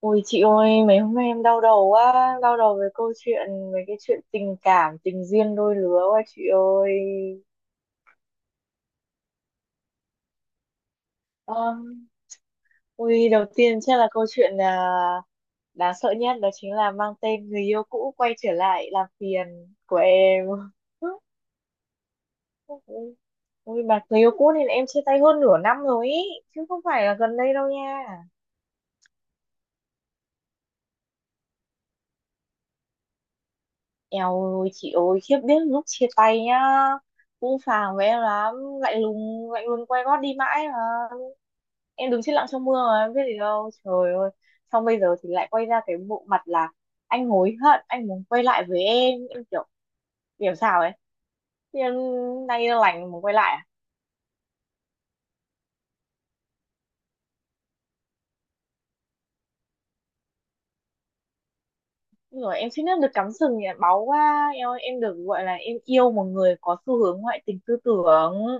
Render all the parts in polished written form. Ôi chị ơi, mấy hôm nay em đau đầu quá, đau đầu về câu chuyện, về cái chuyện tình cảm, tình duyên đôi lứa quá chị ơi. Um, ui, đầu tiên chắc là câu chuyện là đáng sợ nhất đó chính là mang tên người yêu cũ quay trở lại làm phiền của em. Ui, mà người yêu cũ thì em chia tay hơn nửa năm rồi ý, chứ không phải là gần đây đâu nha. Eo ơi, chị ơi, khiếp biết lúc chia tay nhá, cũng phàng với em lắm, lạnh lùng quay gót đi mãi mà. Em đứng chết lặng trong mưa mà em biết gì đâu trời ơi, xong bây giờ thì lại quay ra cái bộ mặt là anh hối hận, anh muốn quay lại với em. Em kiểu kiểu sao ấy, thì em nay lành muốn quay lại à? Ôi rồi em xin phép được cắm sừng nhỉ, báu quá em ơi, em được gọi là em yêu một người có xu hướng ngoại tình tư tưởng.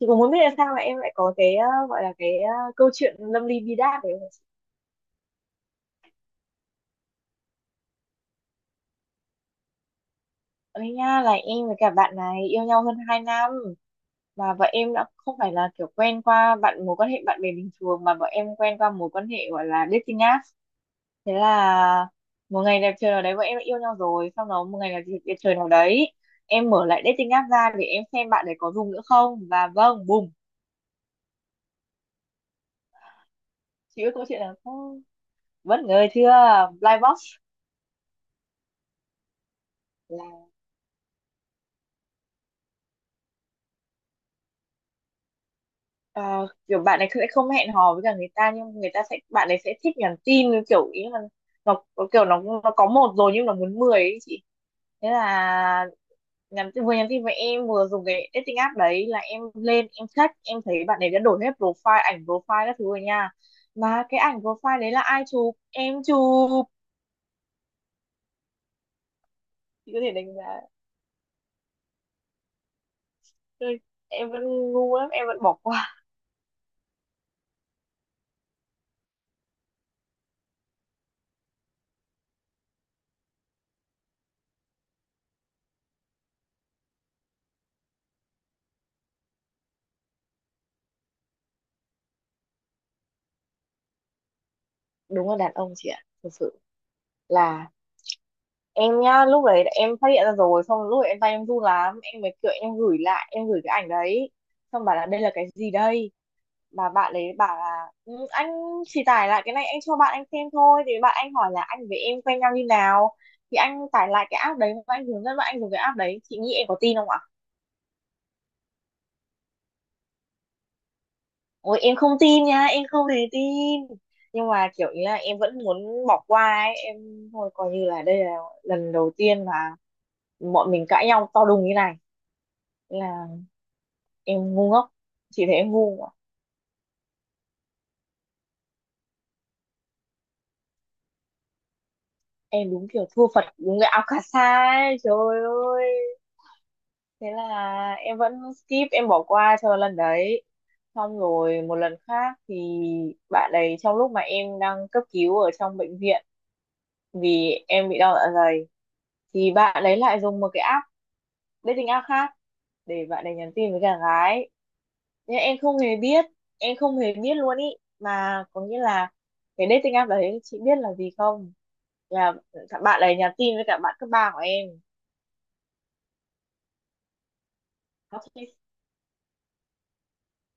Chị cũng muốn biết là sao mà em lại có cái gọi là cái câu chuyện lâm ly bi đát đấy. Ơi nha, là em với cả bạn này yêu nhau hơn 2 năm, mà vợ em đã không phải là kiểu quen qua bạn, mối quan hệ bạn bè bình thường, mà vợ em quen qua mối quan hệ gọi là dating app. Thế là một ngày đẹp trời nào đấy vợ em đã yêu nhau rồi, sau đó một ngày đẹp trời nào đấy em mở lại dating app ra để em xem bạn đấy có dùng nữa không, và vâng, bùm. Chị biết câu chuyện là không, bất ngờ chưa, blind box. Ờ, kiểu bạn ấy sẽ không hẹn hò với cả người ta, nhưng người ta sẽ, bạn ấy sẽ thích nhắn tin kiểu ý là nó kiểu nó có 1 rồi nhưng nó muốn 10 ấy chị. Thế là vừa nhắn tin với em vừa dùng cái dating app đấy, là em lên em check, em thấy bạn ấy đã đổi hết profile, ảnh profile các thứ rồi nha. Mà cái ảnh profile đấy là ai chụp, em chụp. Chị có thể đánh giá. Ôi, em vẫn ngu lắm, em vẫn bỏ qua. Đúng là đàn ông chị ạ, thực sự là em nhá, lúc đấy em phát hiện ra rồi, xong lúc đấy em, tay em run lắm, em mới kiểu em gửi lại, em gửi cái ảnh đấy xong bảo là đây là cái gì đây. Mà bạn đấy bảo là "Ừ, anh chỉ tải lại cái này anh cho bạn anh xem thôi, thì bạn anh hỏi là anh với em quen nhau như nào, thì anh tải lại cái app đấy và anh hướng dẫn bạn anh dùng cái app đấy". Chị nghĩ em có tin không ạ. Ôi em không tin nha, em không hề tin. Nhưng mà kiểu ý là em vẫn muốn bỏ qua ấy, em thôi coi như là đây là lần đầu tiên mà bọn mình cãi nhau to đùng như này. Là em ngu ngốc, chị thấy em ngu mà. Em đúng kiểu thua Phật đúng cái Alcasa ấy, trời ơi. Thế là em vẫn skip, em bỏ qua cho lần đấy. Xong rồi một lần khác thì bạn ấy, trong lúc mà em đang cấp cứu ở trong bệnh viện vì em bị đau dạ dày, thì bạn ấy lại dùng một cái app, dating app khác, để bạn ấy nhắn tin với cả gái. Nhưng em không hề biết, em không hề biết luôn ý. Mà có nghĩa là cái dating app đấy, chị biết là gì không, là bạn ấy nhắn tin với cả bạn cấp 3 của em. Có khi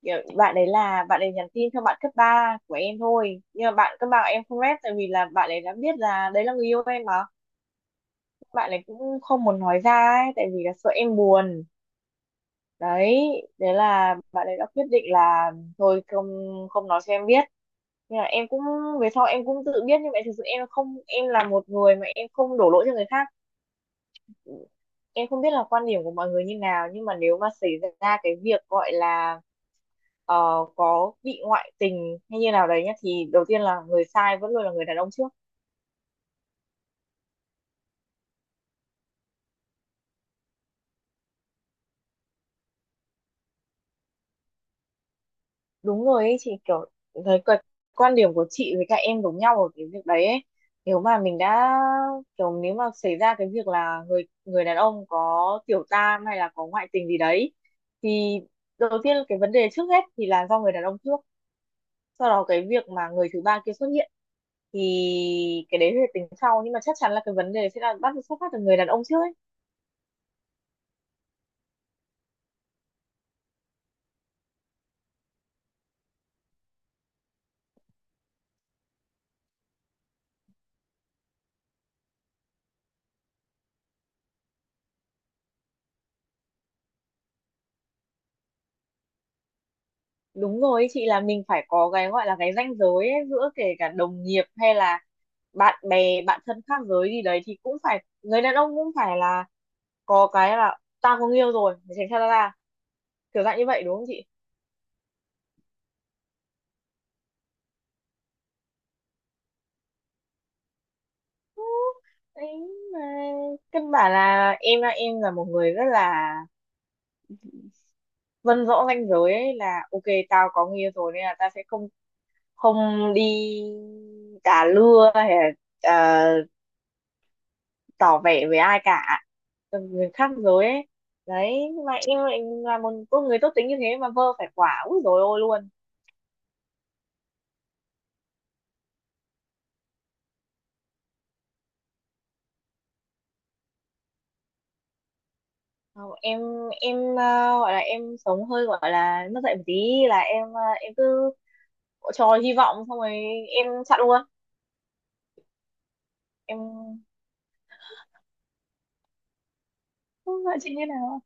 kiểu bạn ấy, là bạn ấy nhắn tin cho bạn cấp 3 của em thôi, nhưng mà bạn cấp 3 của em không rep tại vì là bạn ấy đã biết là đấy là người yêu em mà. Bạn ấy cũng không muốn nói ra ấy, tại vì là sợ em buồn. Đấy, đấy là bạn ấy đã quyết định là thôi không, không nói cho em biết. Nhưng mà em cũng, về sau em cũng tự biết, nhưng mà thực sự em không, em là một người mà em không đổ lỗi cho người khác. Em không biết là quan điểm của mọi người như nào, nhưng mà nếu mà xảy ra cái việc gọi là ờ, có bị ngoại tình hay như nào đấy nhá, thì đầu tiên là người sai vẫn luôn là người đàn ông trước. Đúng rồi ấy chị, kiểu thấy quan quan điểm của chị với cả em giống nhau ở cái việc đấy ấy. Nếu mà mình đã kiểu, nếu mà xảy ra cái việc là người người đàn ông có tiểu tam hay là có ngoại tình gì đấy, thì đầu tiên cái vấn đề trước hết thì là do người đàn ông trước. Sau đó cái việc mà người thứ ba kia xuất hiện thì cái đấy thì tính sau, nhưng mà chắc chắn là cái vấn đề sẽ là bắt xuất phát từ người đàn ông trước ấy. Đúng rồi chị, là mình phải có cái gọi là cái ranh giới ấy, giữa kể cả đồng nghiệp hay là bạn bè, bạn thân khác giới gì đấy, thì cũng phải, người đàn ông cũng phải là có cái là tao có người yêu rồi, mày tránh xa tao ra, kiểu dạng như vậy đúng không chị. Đấy, mà căn bản là em là, em là một người rất là vân rõ ranh giới ấy, là ok, tao có người yêu rồi nên là tao sẽ không, không đi đà lưa hay là ờ, tỏ vẻ với ai cả. Ừ, người khác rồi ấy. Đấy, nhưng mà em lại là một cô người tốt tính như thế mà vơ phải quả úi dồi ôi luôn. Không, em gọi là em sống hơi gọi là mất dạy một tí, là em, em cứ cho hy vọng xong rồi em chặn luôn. Em không chịu như nào.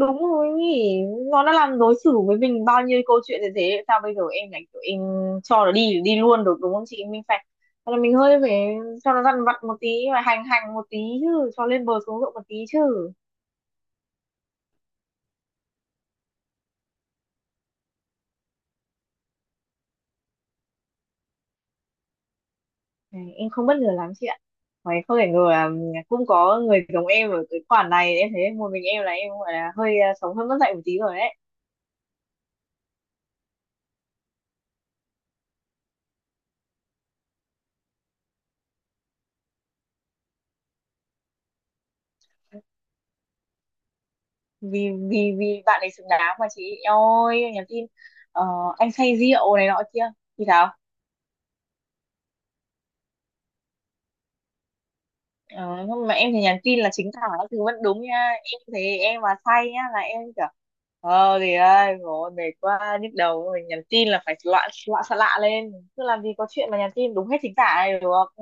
Đúng rồi nhỉ, nó đã làm, đối xử với mình bao nhiêu câu chuyện như thế, sao bây giờ em lại kiểu em cho nó đi đi luôn được, đúng không chị. Mình phải, thế là mình hơi phải cho nó dằn vặt một tí, và hành hành một tí chứ, cho lên bờ xuống ruộng một tí chứ. Này, em không bất ngờ lắm chị ạ. Mày không thể ngờ là cũng có người giống em ở cái khoản này, em thấy một mình em là em gọi là hơi sống hơi mất dạy một tí rồi đấy. Vì vì vì bạn ấy xứng đáng mà chị. Eo ơi, em nhắn tin ờ, anh say rượu này nọ kia thì thảo. Ờ, không, mà em thì nhắn tin là chính tả thì vẫn đúng nha. Em thấy em mà say nhá là em kiểu, ờ thì ơi rồi mệt quá nhức đầu rồi, nhắn tin là phải loạn loạn xạ lạ lên, chứ làm gì có chuyện mà nhắn tin đúng hết chính tả này được.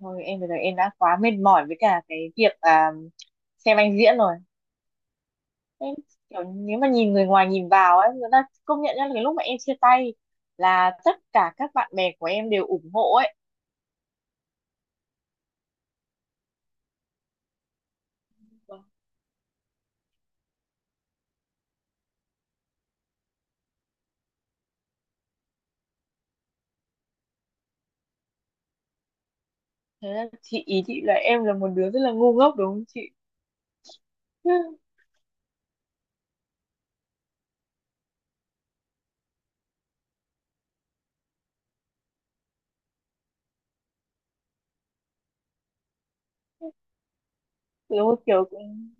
Thôi em bây giờ em đã quá mệt mỏi với cả cái việc xem anh diễn rồi. Em kiểu nếu mà nhìn, người ngoài nhìn vào ấy, người ta công nhận nhá, là cái lúc mà em chia tay là tất cả các bạn bè của em đều ủng hộ ấy. Vâng. Thế là chị ý, chị là em là một đứa rất là ngu ngốc đúng không chị. Đúng kiểu cũng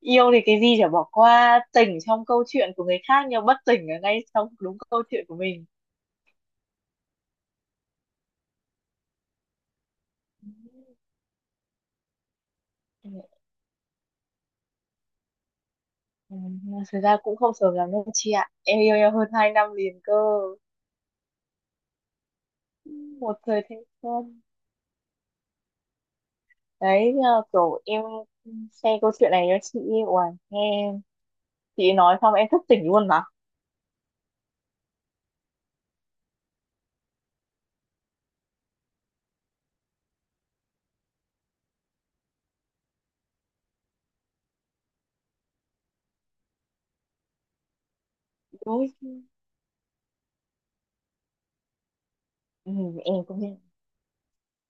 yêu thì cái gì chả bỏ qua, tỉnh trong câu chuyện của người khác nhưng bất tỉnh ở ngay trong đúng câu chuyện của mình. Ừ, ừ, thực ra cũng không sớm lắm đâu chị ạ, em yêu nhau hơn 2 năm liền cơ. Một thời thanh xuân. Đấy, nhờ kiểu em share câu chuyện này cho chị. Uầy, nghe chị nói xong em thức tỉnh luôn mà. Đúng, ừ, em cũng thế.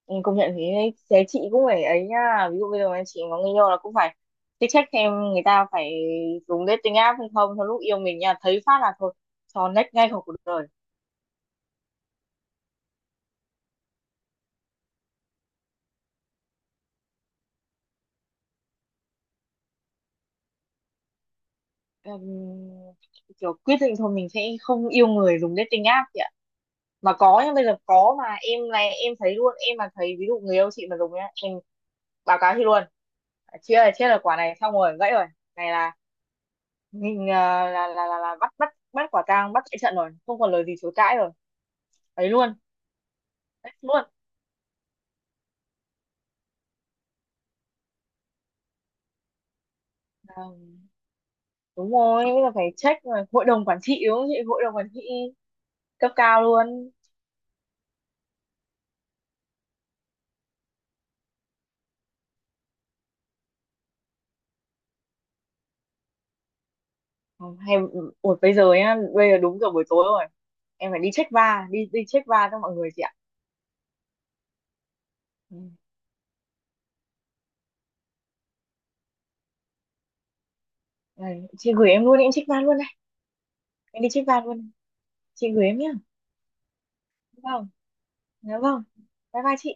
Ừ, công nhận thế đấy. Thế chị cũng phải ấy nhá, ví dụ bây giờ mà chị có người yêu là cũng phải check check xem người ta, phải dùng dating app hay không, thôi lúc yêu mình nha, thấy phát là thôi cho next ngay khỏi cuộc đời. Ừm, kiểu quyết định thôi mình sẽ không yêu người dùng dating app chị ạ. Mà có nhá, bây giờ có mà em này, em thấy luôn, em mà thấy ví dụ người yêu chị mà dùng nhá em báo cáo chị luôn. Chị ơi chết là quả này, xong rồi gãy rồi, này là mình là bắt bắt bắt quả tang, bắt chạy trận rồi, không còn lời gì chối cãi rồi, ấy luôn. Đấy luôn, đúng rồi, bây giờ phải check rồi, hội đồng quản trị đúng không chị, hội đồng quản trị cấp cao luôn. Ừ, hay, ừ, ủa bây giờ nhá, bây giờ đúng giờ buổi tối rồi, em phải đi check va, đi đi check va cho mọi người chị ạ. Ừ. Này, chị gửi em luôn đi, em check va luôn này. Em đi check va luôn. Chị gửi em nhá. Vâng. Dạ vâng, bye bye chị.